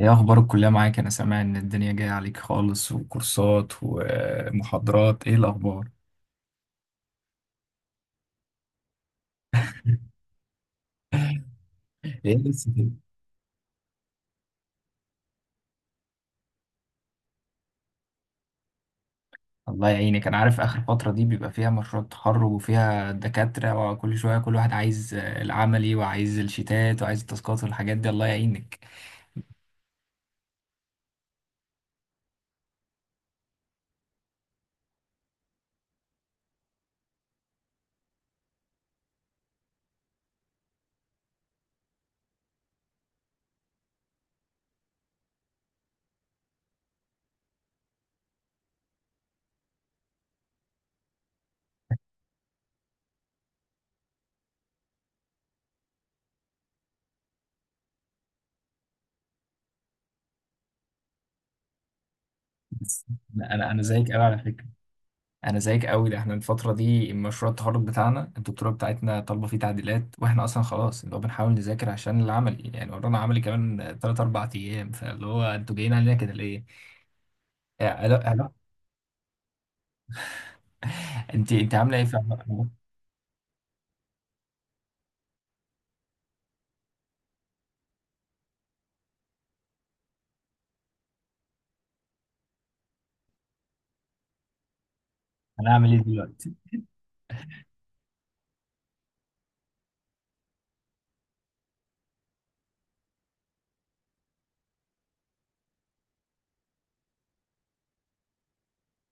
ايه اخبار الكلية معاك؟ انا سامع ان الدنيا جاية عليك خالص، وكورسات ومحاضرات، ايه الاخبار؟ ايه بس كده؟ الله يعينك، انا عارف اخر فترة دي بيبقى فيها مشروع تخرج وفيها دكاترة وكل شوية كل واحد عايز العملي وعايز الشيتات وعايز التاسكات والحاجات دي، الله يعينك. بس، انا زيك قوي على فكرة، انا زيك قوي، ده احنا الفتره دي مشروع التخرج بتاعنا الدكتوره بتاعتنا طالبه فيه تعديلات، واحنا اصلا خلاص اللي هو بنحاول نذاكر عشان العملي، يعني ورانا عملي كمان 3 4 ايام، فاللي هو انتوا جايين علينا كده ليه؟ الو، الو. انت عامله ايه في انا هعمل ايه دلوقتي؟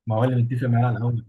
ما هو اللي متفق معانا الاول.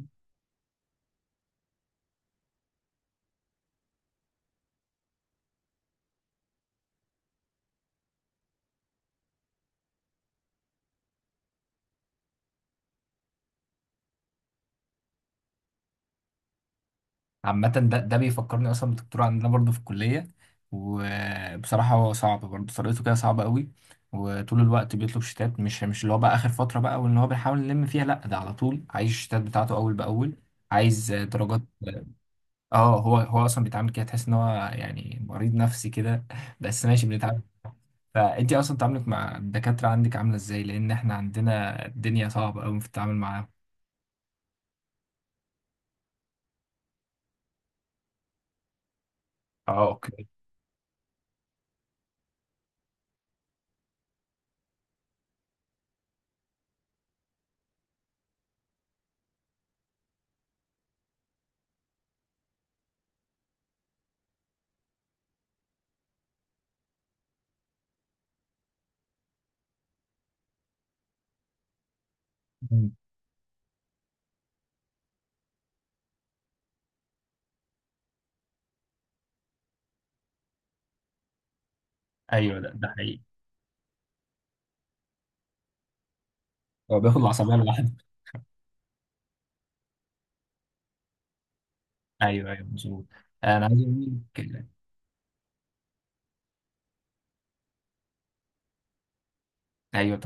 عامة ده بيفكرني أصلا بالدكتور عندنا برضه في الكلية، وبصراحة هو صعب برضه، طريقته كده صعبة قوي، وطول الوقت بيطلب شتات، مش اللي هو بقى آخر فترة بقى وإن هو بيحاول يلم فيها، لأ ده على طول عايز الشتات بتاعته أول بأول. عايز درجات. اه، هو أصلا بيتعامل كده، تحس إن هو يعني مريض نفسي كده، بس ماشي بنتعامل. فأنتي أصلا تعاملك مع الدكاترة عندك عاملة إزاي؟ لأن إحنا عندنا الدنيا صعبة قوي في التعامل معاهم. اه، اوكي. مم. ايوه، ده حقيقي. هو بياخد العصبية لوحده. ايوه، ايوه، مظبوط. انا عايز اقول لك. ايوه.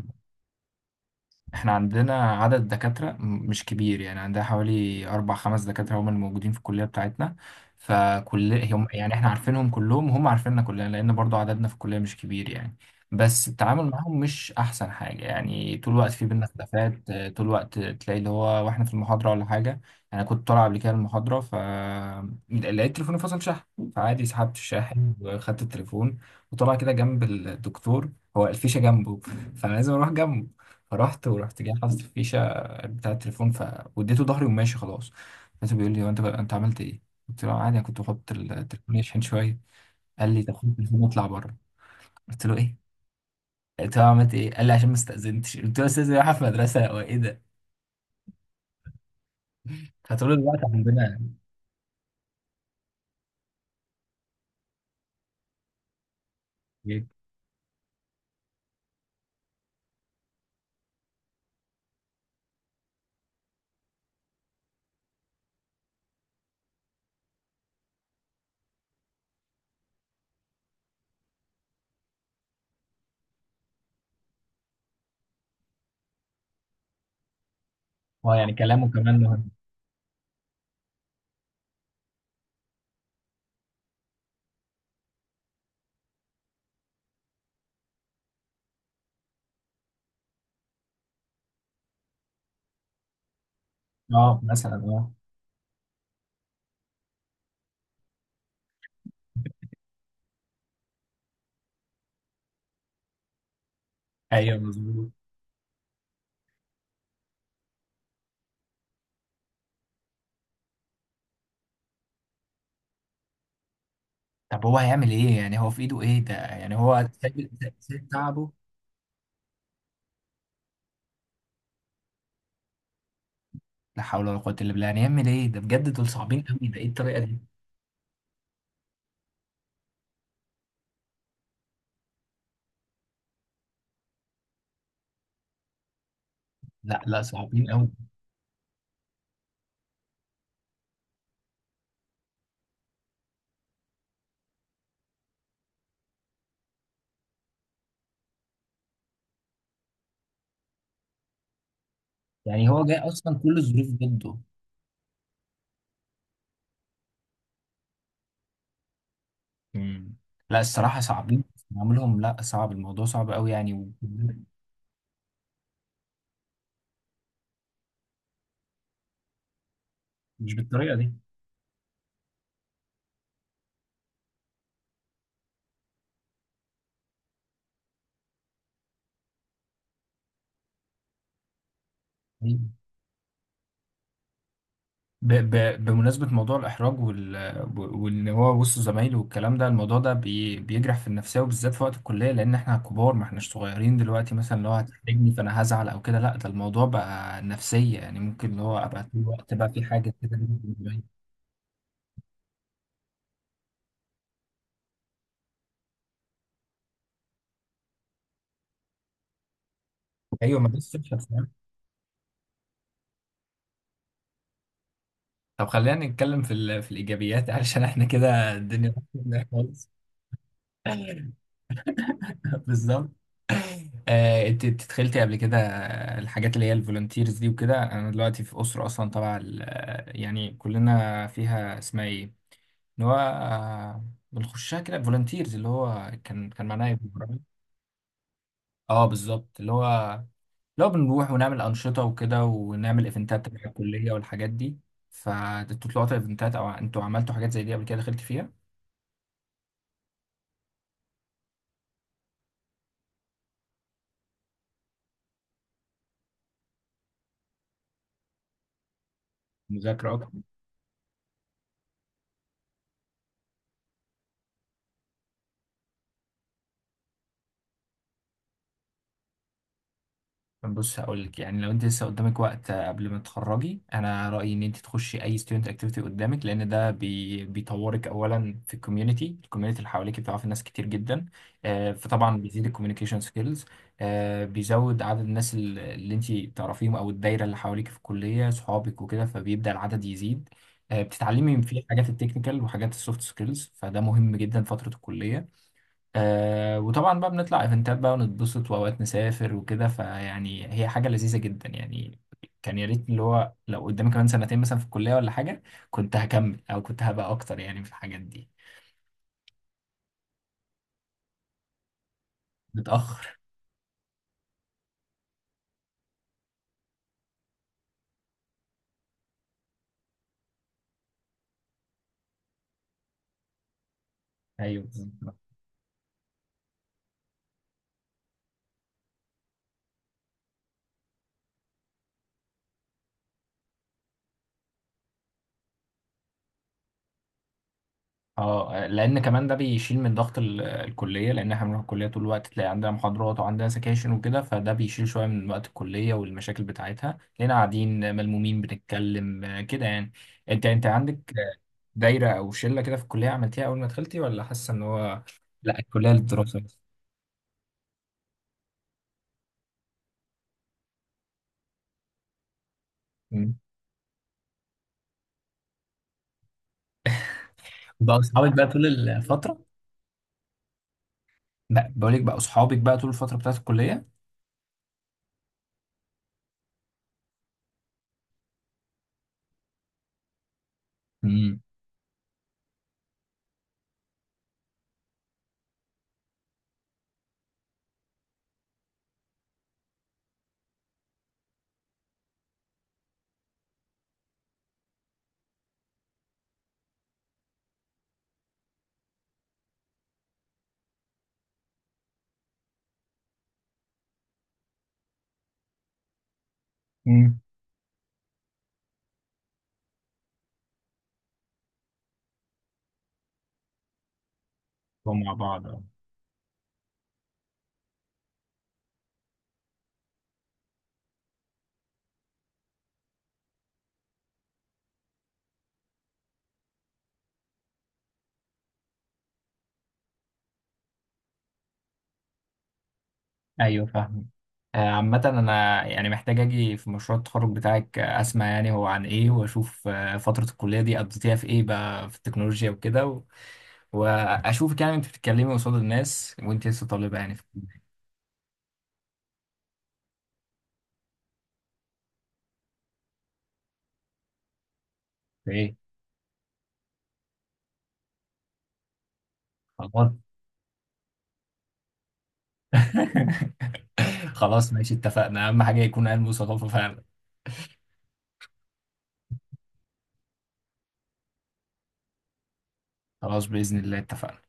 احنا عندنا عدد دكاترة مش كبير، يعني عندنا حوالي أربع خمس دكاترة هم الموجودين في الكلية بتاعتنا، فكل هم يعني احنا عارفينهم كلهم وهم عارفيننا كلنا، لأن برضو عددنا في الكلية مش كبير يعني. بس التعامل معاهم مش أحسن حاجة، يعني طول الوقت في بينا خلافات، طول الوقت تلاقي اللي هو واحنا في المحاضرة ولا حاجة. أنا كنت طالع قبل كده المحاضرة، ف لقيت تليفوني فصل شحن، فعادي سحبت الشاحن وخدت التليفون، وطلع كده جنب الدكتور، هو الفيشة جنبه، فأنا لازم أروح جنبه، فرحت، ورحت جاي حاطط الفيشه بتاع التليفون، ف واديته ظهري وماشي خلاص. لقيته بيقول لي: هو انت عملت ايه؟ قلت له: عادي، انا كنت بحط التليفون يشحن شويه. قال لي: طب خد التليفون واطلع بره. قلت له: ايه؟ قلت له: عملت ايه؟ قال لي: عشان ما استاذنتش. قلت له: استاذن رايحه في مدرسه؟ هو ايه ده؟ فطول الوقت عندنا. اه، يعني كلامه كمان مهم. اه، مثلا، اه. ايوه مظبوط. طب هو هيعمل ايه؟ يعني هو في ايده ايه؟ ده يعني هو سايب سايب تعبه. لا حول ولا قوه الا بالله، يعني يعمل ايه ده؟ بجد دول صعبين قوي، ده ايه الطريقه دي؟ لا، لا، صعبين قوي. يعني هو جاي اصلا كل الظروف ضده. مم. لا، الصراحه صعبين. عملهم لا، صعب، الموضوع صعب قوي يعني مش بالطريقه دي. بمناسبه موضوع الاحراج وان هو وسط زمايله والكلام ده، الموضوع ده بيجرح في النفسيه، وبالذات في وقت الكليه، لان احنا كبار، ما احناش صغيرين دلوقتي، مثلا لو هتحرجني فانا هزعل او كده، لا، ده الموضوع بقى نفسيه يعني، ممكن اللي هو ابقى طول الوقت بقى في حاجه كده. ايوه ما بس. طب خلينا نتكلم في في الايجابيات، علشان احنا كده الدنيا بايظة خالص. بالظبط. انت دخلتي قبل كده الحاجات اللي هي الفولunteers دي وكده؟ انا دلوقتي في اسره اصلا طبعا، يعني كلنا فيها، اسمها ايه اللي هو بنخشها كده، فولunteers، اللي هو كان معناها ايه بالعربي؟ اه بالظبط، اللي هو لو بنروح ونعمل أنشطة وكده، ونعمل إيفنتات تبع الكلية والحاجات دي، فانتوا طلعتوا إيفنتات أو انتوا عملتوا حاجات زي دي قبل كده؟ دخلت فيها؟ مذاكرة أكتر. بص هقول لك، يعني لو أنت لسه قدامك وقت قبل ما تتخرجي، أنا رأيي إن أنت تخشي أي ستودنت أكتيفيتي قدامك، لأن ده بيطورك أولا في الكوميونتي، الكوميونتي اللي حواليك بتعرفي ناس كتير جدا. فطبعا بيزيد الكوميونيكيشن سكيلز، بيزود عدد الناس اللي أنت تعرفيهم أو الدايرة اللي حواليك في الكلية، صحابك وكده، فبيبدأ العدد يزيد. بتتعلمي من فيه حاجات التكنيكال وحاجات السوفت سكيلز، فده مهم جدا فترة الكلية. وطبعا بقى بنطلع ايفنتات بقى ونتبسط، واوقات نسافر وكده، فيعني هي حاجه لذيذه جدا يعني. كان يا ريت اللي هو لو قدامي كمان سنتين مثلا في الكليه ولا حاجه، كنت هكمل او كنت هبقى اكتر يعني في الحاجات دي. متاخر. ايوه بالظبط. اه لان كمان ده بيشيل من ضغط الكليه، لان احنا بنروح الكليه طول الوقت تلاقي عندنا محاضرات وعندنا سكاشن وكده، فده بيشيل شويه من وقت الكليه والمشاكل بتاعتها، لقينا قاعدين ملمومين بنتكلم كده يعني. انت عندك دايرة أو شلة كده في الكلية عملتيها أول ما دخلتي، ولا حاسة إن هو لا الكلية للدراسة بس؟ مم. بقى أصحابك بقى طول الفترة؟ بقى بقولك بقى أصحابك بقى طول الفترة بتاعت الكلية. امم. امم. ومع بعض أه. أيوه فاهم. عامة أنا يعني محتاج أجي في مشروع التخرج بتاعك، أسمع يعني هو عن إيه، وأشوف فترة الكلية دي قضيتيها في إيه بقى، في التكنولوجيا وكده وأشوفك يعني أنت بتتكلمي قصاد الناس وأنت لسه طالبة يعني في في إيه. خلاص. خلاص ماشي، اتفقنا، اهم حاجة يكون علم وثقافة فعلا. خلاص بإذن الله، اتفقنا